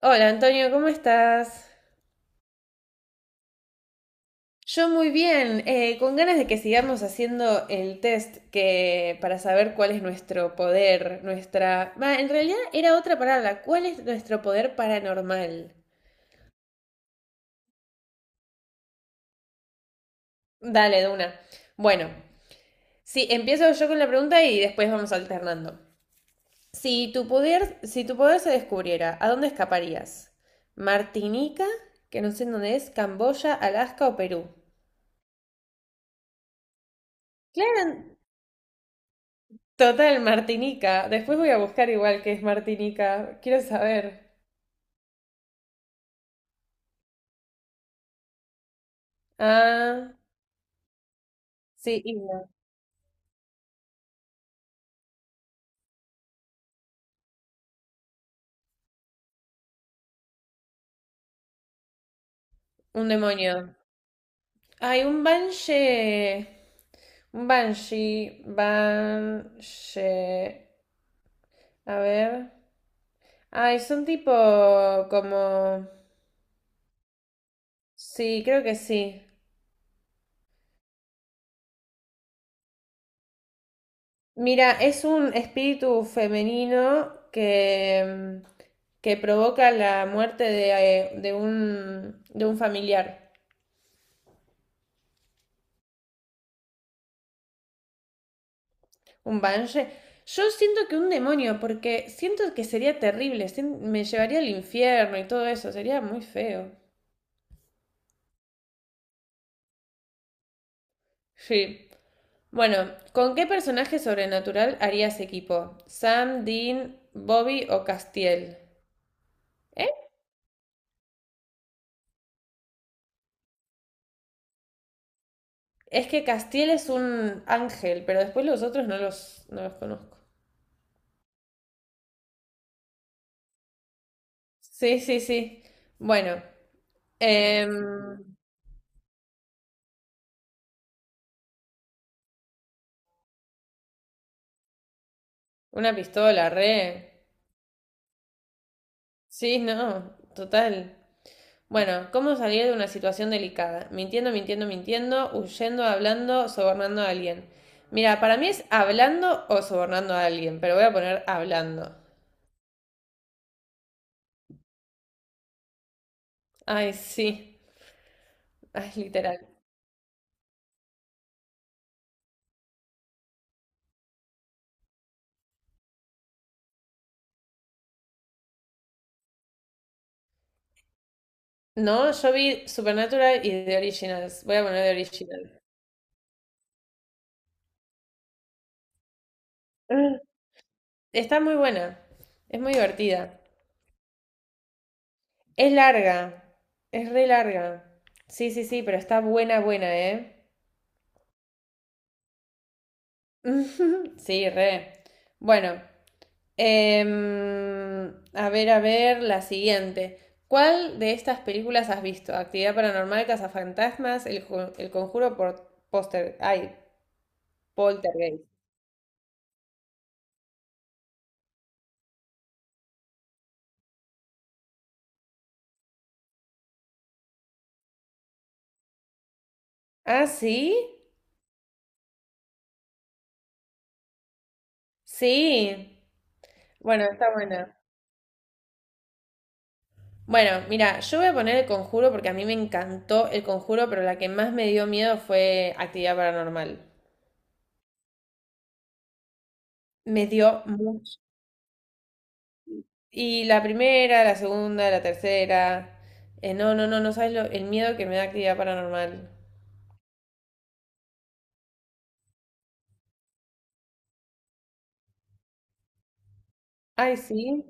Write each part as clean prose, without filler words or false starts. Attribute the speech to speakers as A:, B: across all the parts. A: Hola Antonio, ¿cómo estás? Yo muy bien, con ganas de que sigamos haciendo el test que para saber cuál es nuestro poder, nuestra... Va, en realidad era otra palabra, ¿cuál es nuestro poder paranormal? Dale, de una. Bueno, sí, empiezo yo con la pregunta y después vamos alternando. Si tu poder se descubriera, ¿a dónde escaparías? ¿Martinica? Que no sé en dónde es, Camboya, Alaska o Perú. Claro. Total, Martinica. Después voy a buscar igual que es Martinica. Quiero saber. Ah, sí, Inga. Un demonio. Hay un Banshee. Un Banshee. Banshee. A ver. Ay, son tipo como... Sí, creo que sí. Mira, es un espíritu femenino que, que provoca la muerte de, de un familiar. Un banshee. Yo siento que un demonio, porque siento que sería terrible, me llevaría al infierno y todo eso, sería muy feo. Sí. Bueno, ¿con qué personaje sobrenatural harías equipo? ¿Sam, Dean, Bobby o Castiel? ¿Eh? Es que Castiel es un ángel, pero después los otros no los conozco. Sí, sí, sí. Bueno, em, una pistola, re. Sí, no, total. Bueno, ¿cómo salir de una situación delicada? Mintiendo, huyendo, hablando, sobornando a alguien. Mira, para mí es hablando o sobornando a alguien, pero voy a poner hablando. Ay, sí. Ay, literal. No, yo vi Supernatural y The Originals. Voy a poner The Original. Ah. Está muy buena. Es muy divertida. Es larga. Es re larga. Sí, sí, sí, pero está buena, buena, ¿eh? Sí, re. Bueno. Em, a ver, la siguiente. ¿Cuál de estas películas has visto? Actividad Paranormal, Cazafantasmas, El Conjuro por Póster. Ay, Poltergeist. ¿Ah, sí? Sí. Bueno, está buena. Bueno, mira, yo voy a poner El Conjuro porque a mí me encantó El Conjuro, pero la que más me dio miedo fue Actividad Paranormal. Me dio mucho. Y la primera, la segunda, la tercera. No sabes lo- el miedo que me da Actividad Paranormal. Ay, sí.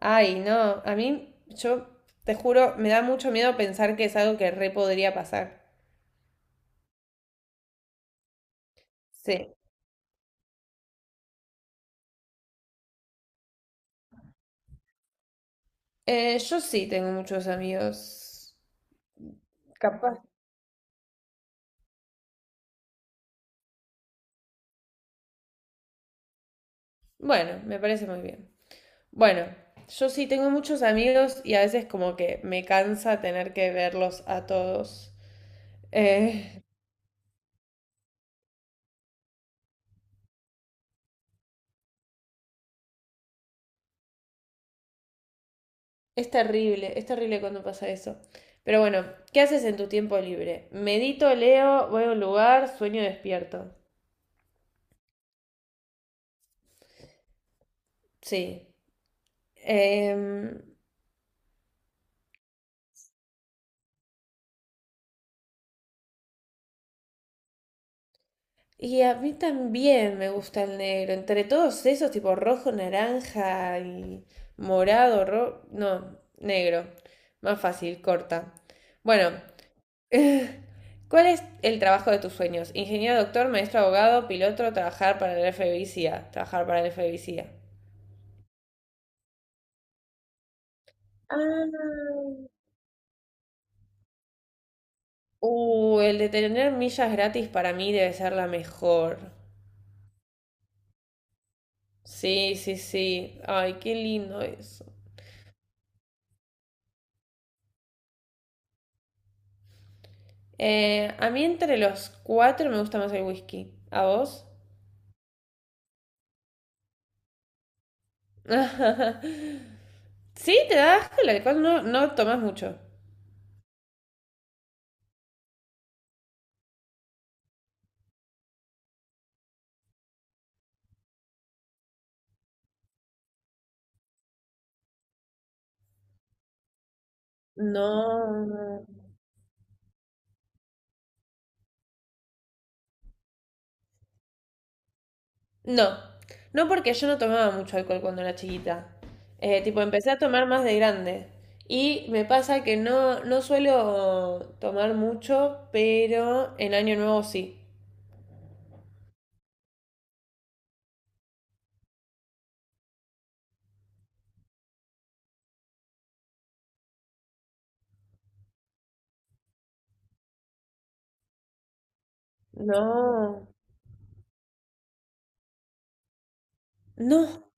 A: Ay, no. Yo te juro, me da mucho miedo pensar que es algo que re podría pasar. Sí. Yo sí tengo muchos amigos. Capaz. Bueno, me parece muy bien. Bueno, yo sí tengo muchos amigos y a veces como que me cansa tener que verlos a todos. Eh, es terrible cuando pasa eso. Pero bueno, ¿qué haces en tu tiempo libre? Medito, leo, voy a un lugar, sueño despierto. Sí. Em, y a mí también me gusta el negro. Entre todos esos, tipo rojo, naranja y morado, no, negro. Más fácil, corta. Bueno, ¿cuál es el trabajo de tus sueños? Ingeniero, doctor, maestro, abogado, piloto, trabajar para el FBI, CIA. Trabajar para el FBI, CIA. Ah. El de tener millas gratis para mí debe ser la mejor. Sí, sí, sí. Ay, qué lindo eso. A mí entre los cuatro me gusta más el whisky. ¿A vos? Sí, te da asco el alcohol, no, no tomas mucho. No. No, no porque yo no tomaba mucho alcohol cuando era chiquita. Tipo, empecé a tomar más de grande. Y me pasa que no, no suelo tomar mucho, pero en Año Nuevo sí. No, no,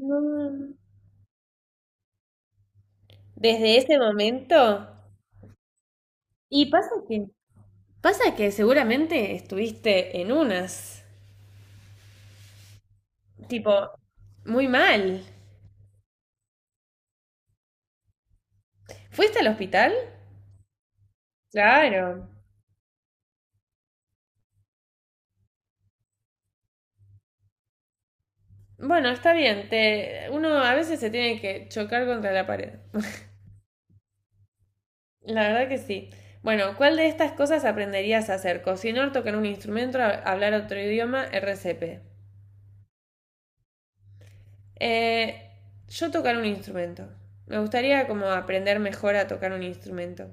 A: no. Desde ese momento. Y pasa que Pasa que seguramente estuviste en unas, tipo, muy mal. ¿Fuiste al hospital? Claro. Bueno, está bien, te... uno a veces se tiene que chocar contra la pared. La verdad que sí. Bueno, ¿cuál de estas cosas aprenderías a hacer? Cocinar, tocar un instrumento, hablar otro idioma, RCP. Eh, yo tocar un instrumento. Me gustaría como aprender mejor a tocar un instrumento.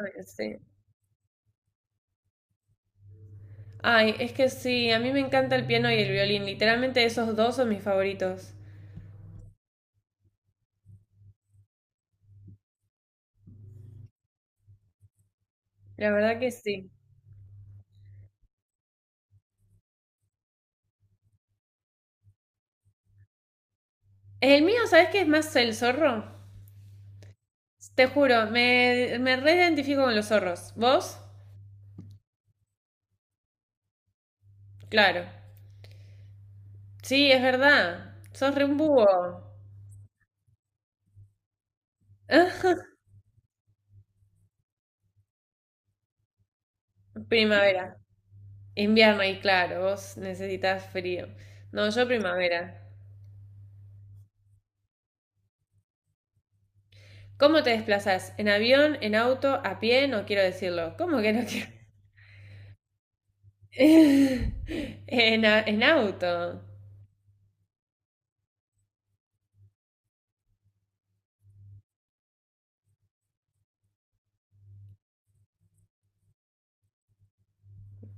A: Ay, sí. Ay, es que sí, a mí me encanta el piano y el violín. Literalmente esos dos son mis favoritos. La verdad que sí. El mío, ¿sabes qué es más? El zorro. Te juro, me reidentifico con los zorros. ¿Vos? Claro. Sí, es verdad. Sos re un búho. Primavera. Invierno, y claro, vos necesitas frío. No, yo primavera. ¿Cómo te desplazás? ¿En avión, en auto, a pie? No quiero decirlo. ¿Cómo que no quiero? En auto.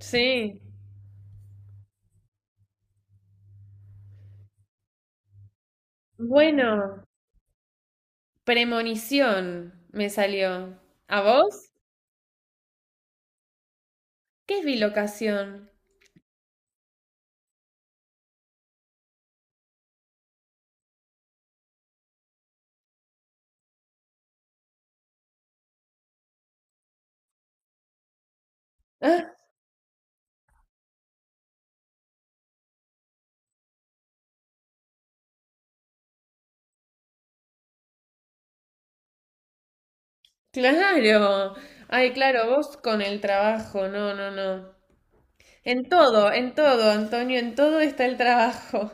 A: Sí. Bueno, premonición me salió. ¿A vos? ¿Qué es bilocación? Ah, claro. Ay, claro, vos con el trabajo. No, no, no. En todo, Antonio, en todo está el trabajo.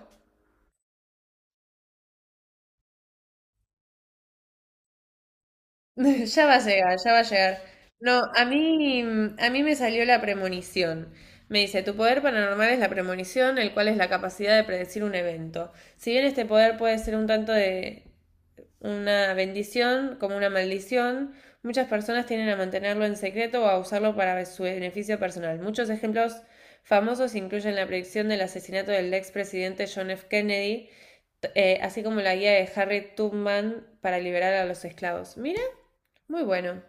A: Ya va a llegar, ya va a llegar. No, a mí me salió la premonición. Me dice, tu poder paranormal es la premonición, el cual es la capacidad de predecir un evento. Si bien este poder puede ser un tanto de una bendición como una maldición. Muchas personas tienden a mantenerlo en secreto o a usarlo para su beneficio personal. Muchos ejemplos famosos incluyen la predicción del asesinato del expresidente John F. Kennedy, así como la guía de Harry Tubman para liberar a los esclavos. Mira, muy bueno.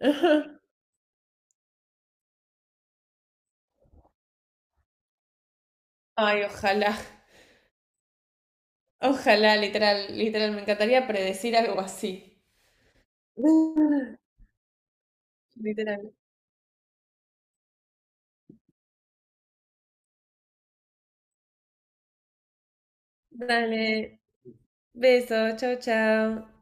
A: Ay, ojalá, ojalá, literal, literal, me encantaría predecir algo así. Literal. Dale, besos, chao, chao.